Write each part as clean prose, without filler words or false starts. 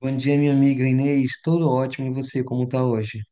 Bom dia, minha amiga Inês. Tudo ótimo e você, como tá hoje?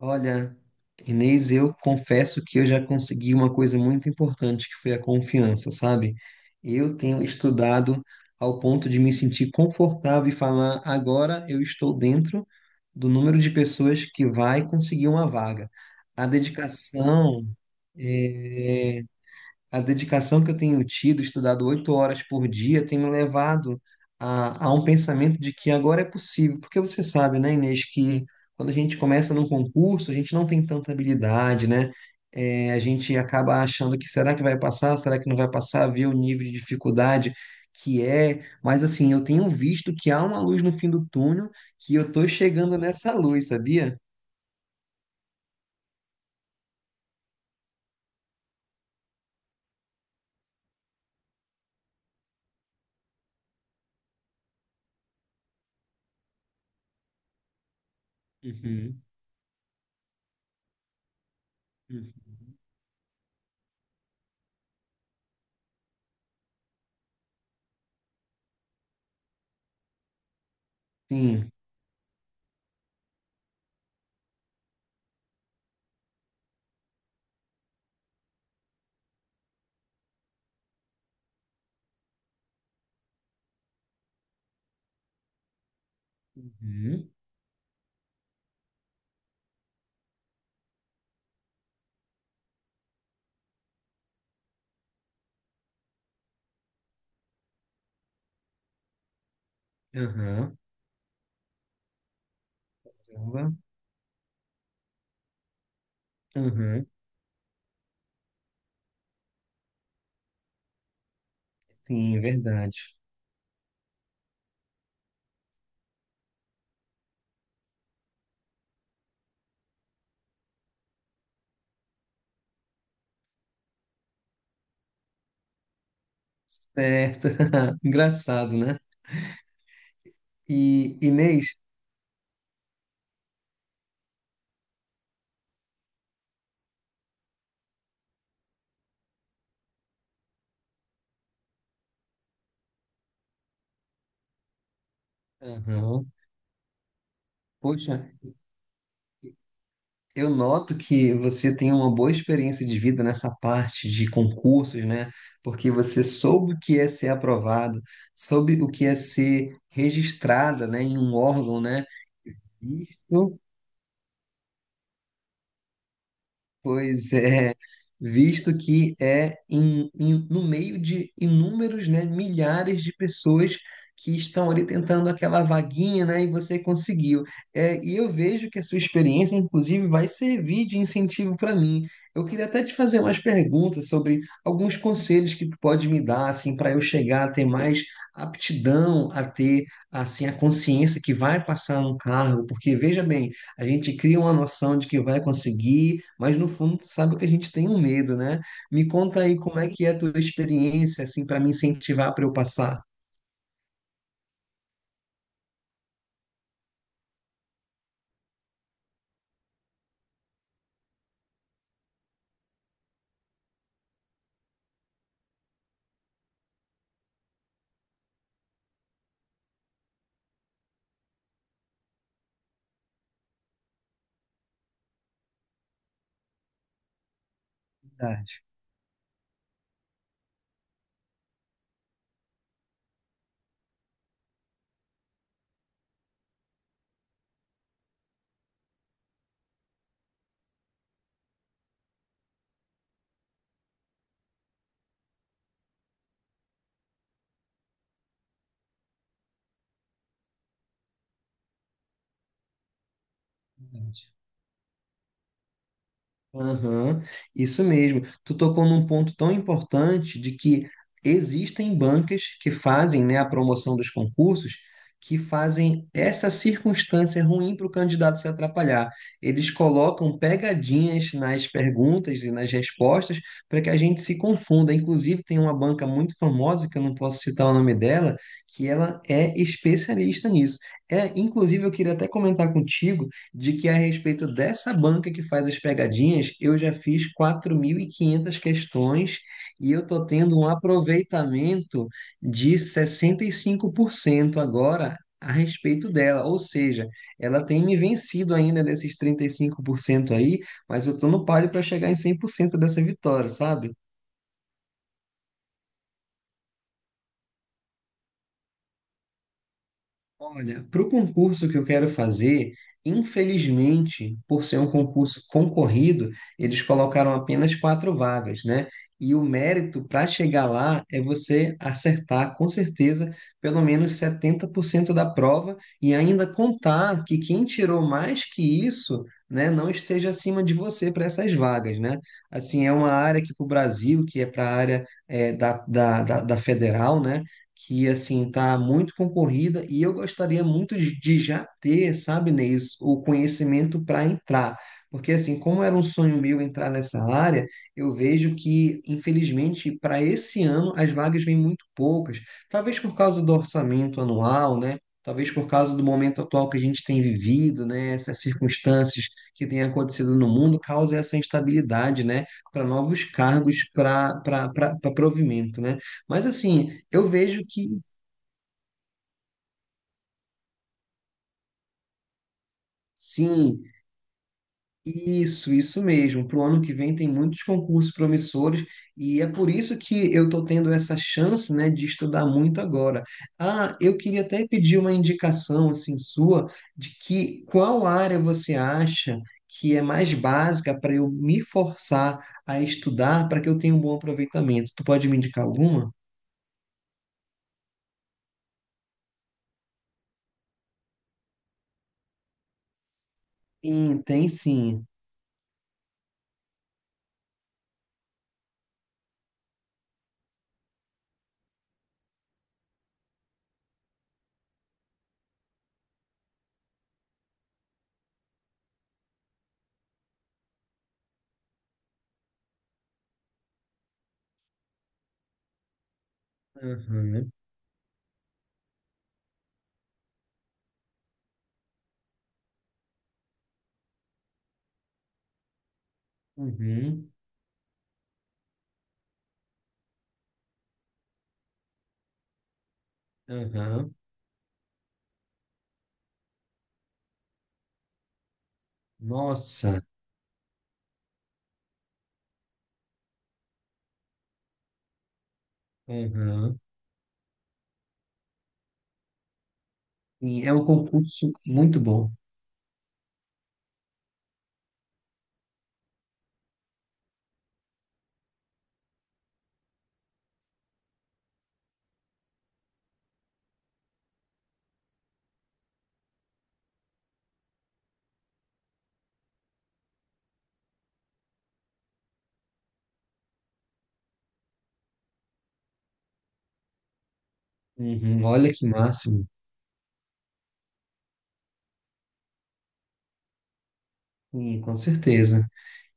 Olha, Inês, eu confesso que eu já consegui uma coisa muito importante, que foi a confiança, sabe? Eu tenho estudado ao ponto de me sentir confortável e falar, agora eu estou dentro do número de pessoas que vai conseguir uma vaga. A dedicação, é, a dedicação que eu tenho tido, estudado 8 horas por dia, tem me levado a um pensamento de que agora é possível. Porque você sabe, né, Inês, que quando a gente começa num concurso, a gente não tem tanta habilidade, né? É, a gente acaba achando que será que vai passar, será que não vai passar, ver o nível de dificuldade que é. Mas assim, eu tenho visto que há uma luz no fim do túnel, que eu tô chegando nessa luz, sabia? Uhum, uhum. Sim. Uhum. Aham. Caramba. Aham. Sim, verdade. Certo. Engraçado, né? E Inês, aham. Poxa, eu noto que você tem uma boa experiência de vida nessa parte de concursos, né? Porque você soube o que é ser aprovado, soube o que é ser registrada, né, em um órgão, né? Isso. Pois é, visto que é no meio de inúmeros, né, milhares de pessoas que estão ali tentando aquela vaguinha, né, e você conseguiu. É, e eu vejo que a sua experiência, inclusive, vai servir de incentivo para mim. Eu queria até te fazer umas perguntas sobre alguns conselhos que tu pode me dar, assim, para eu chegar a ter mais aptidão, a ter, assim, a consciência que vai passar no cargo, porque veja bem. A gente cria uma noção de que vai conseguir, mas no fundo tu sabe que a gente tem um medo, né? Me conta aí como é que é a tua experiência, assim, para me incentivar para eu passar. Verdade, verdade. Aham, isso mesmo. Tu tocou num ponto tão importante de que existem bancas que fazem, né, a promoção dos concursos, que fazem essa circunstância ruim para o candidato se atrapalhar. Eles colocam pegadinhas nas perguntas e nas respostas para que a gente se confunda. Inclusive, tem uma banca muito famosa, que eu não posso citar o nome dela, que ela é especialista nisso. É, inclusive, eu queria até comentar contigo de que a respeito dessa banca que faz as pegadinhas, eu já fiz 4.500 questões e eu tô tendo um aproveitamento de 65% agora a respeito dela, ou seja, ela tem me vencido ainda desses 35% aí, mas eu tô no páreo para chegar em 100% dessa vitória, sabe? Olha, para o concurso que eu quero fazer, infelizmente, por ser um concurso concorrido, eles colocaram apenas quatro vagas, né? E o mérito para chegar lá é você acertar, com certeza, pelo menos 70% da prova e ainda contar que quem tirou mais que isso, né, não esteja acima de você para essas vagas, né? Assim, é uma área que para o Brasil, que é para a área da federal, né? Que assim tá muito concorrida e eu gostaria muito de já ter, sabe, Neis, o conhecimento para entrar. Porque assim, como era um sonho meu entrar nessa área, eu vejo que, infelizmente, para esse ano as vagas vêm muito poucas. Talvez por causa do orçamento anual, né? Talvez por causa do momento atual que a gente tem vivido, né? Essas circunstâncias que têm acontecido no mundo causa essa instabilidade, né? Para novos cargos, para provimento, né? Mas assim, eu vejo que sim, isso mesmo. Para o ano que vem tem muitos concursos promissores e é por isso que eu estou tendo essa chance, né, de estudar muito agora. Ah, eu queria até pedir uma indicação assim sua de que qual área você acha que é mais básica para eu me forçar a estudar para que eu tenha um bom aproveitamento. Tu pode me indicar alguma? Sim, tem sim. Aham, uhum, aham. Nossa. Uhum. E é um concurso muito bom. Uhum. Olha que máximo. Sim, com certeza.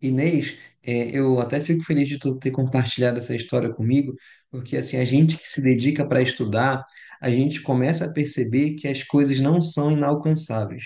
Inês, é, eu até fico feliz de tu ter compartilhado essa história comigo, porque assim, a gente que se dedica para estudar, a gente começa a perceber que as coisas não são inalcançáveis.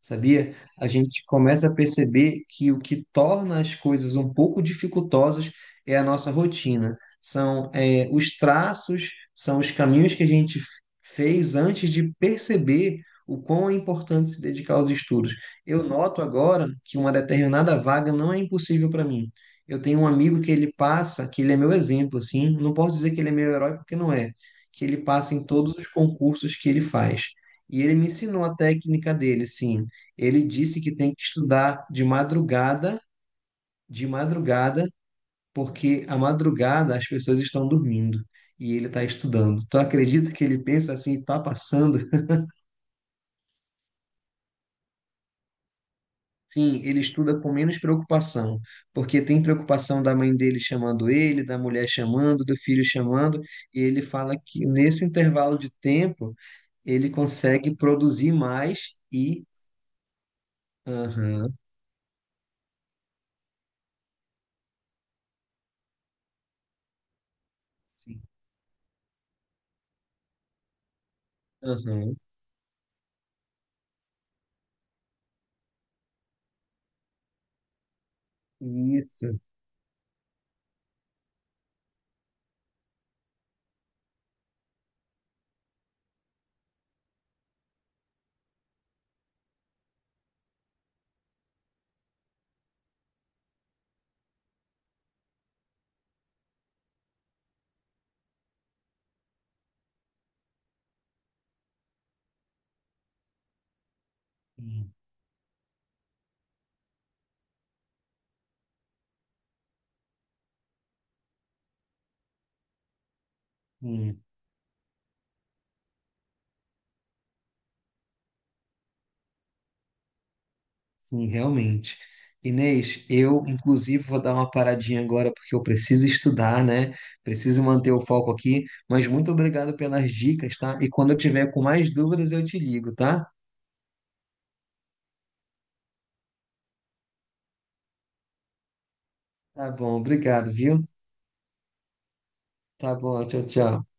Sabia? A gente começa a perceber que o que torna as coisas um pouco dificultosas é a nossa rotina. São, é, os traços, são os caminhos que a gente fez antes de perceber o quão é importante se dedicar aos estudos. Eu noto agora que uma determinada vaga não é impossível para mim. Eu tenho um amigo que ele passa, que ele é meu exemplo, assim, não posso dizer que ele é meu herói porque não é, que ele passa em todos os concursos que ele faz. E ele me ensinou a técnica dele, sim. Ele disse que tem que estudar de madrugada, porque à madrugada as pessoas estão dormindo e ele está estudando. Tu acredita que ele pensa assim, tá passando? Sim, ele estuda com menos preocupação, porque tem preocupação da mãe dele chamando ele, da mulher chamando, do filho chamando, e ele fala que nesse intervalo de tempo ele consegue produzir mais e. Aham, sim, aham, isso. Sim, sim, sim realmente. Inês, eu inclusive vou dar uma paradinha agora porque eu preciso estudar, né? Preciso manter o foco aqui, mas muito obrigado pelas dicas, tá? E quando eu tiver com mais dúvidas, eu te ligo, tá? Tá bom, obrigado, viu? Tá bom, tchau, tchau.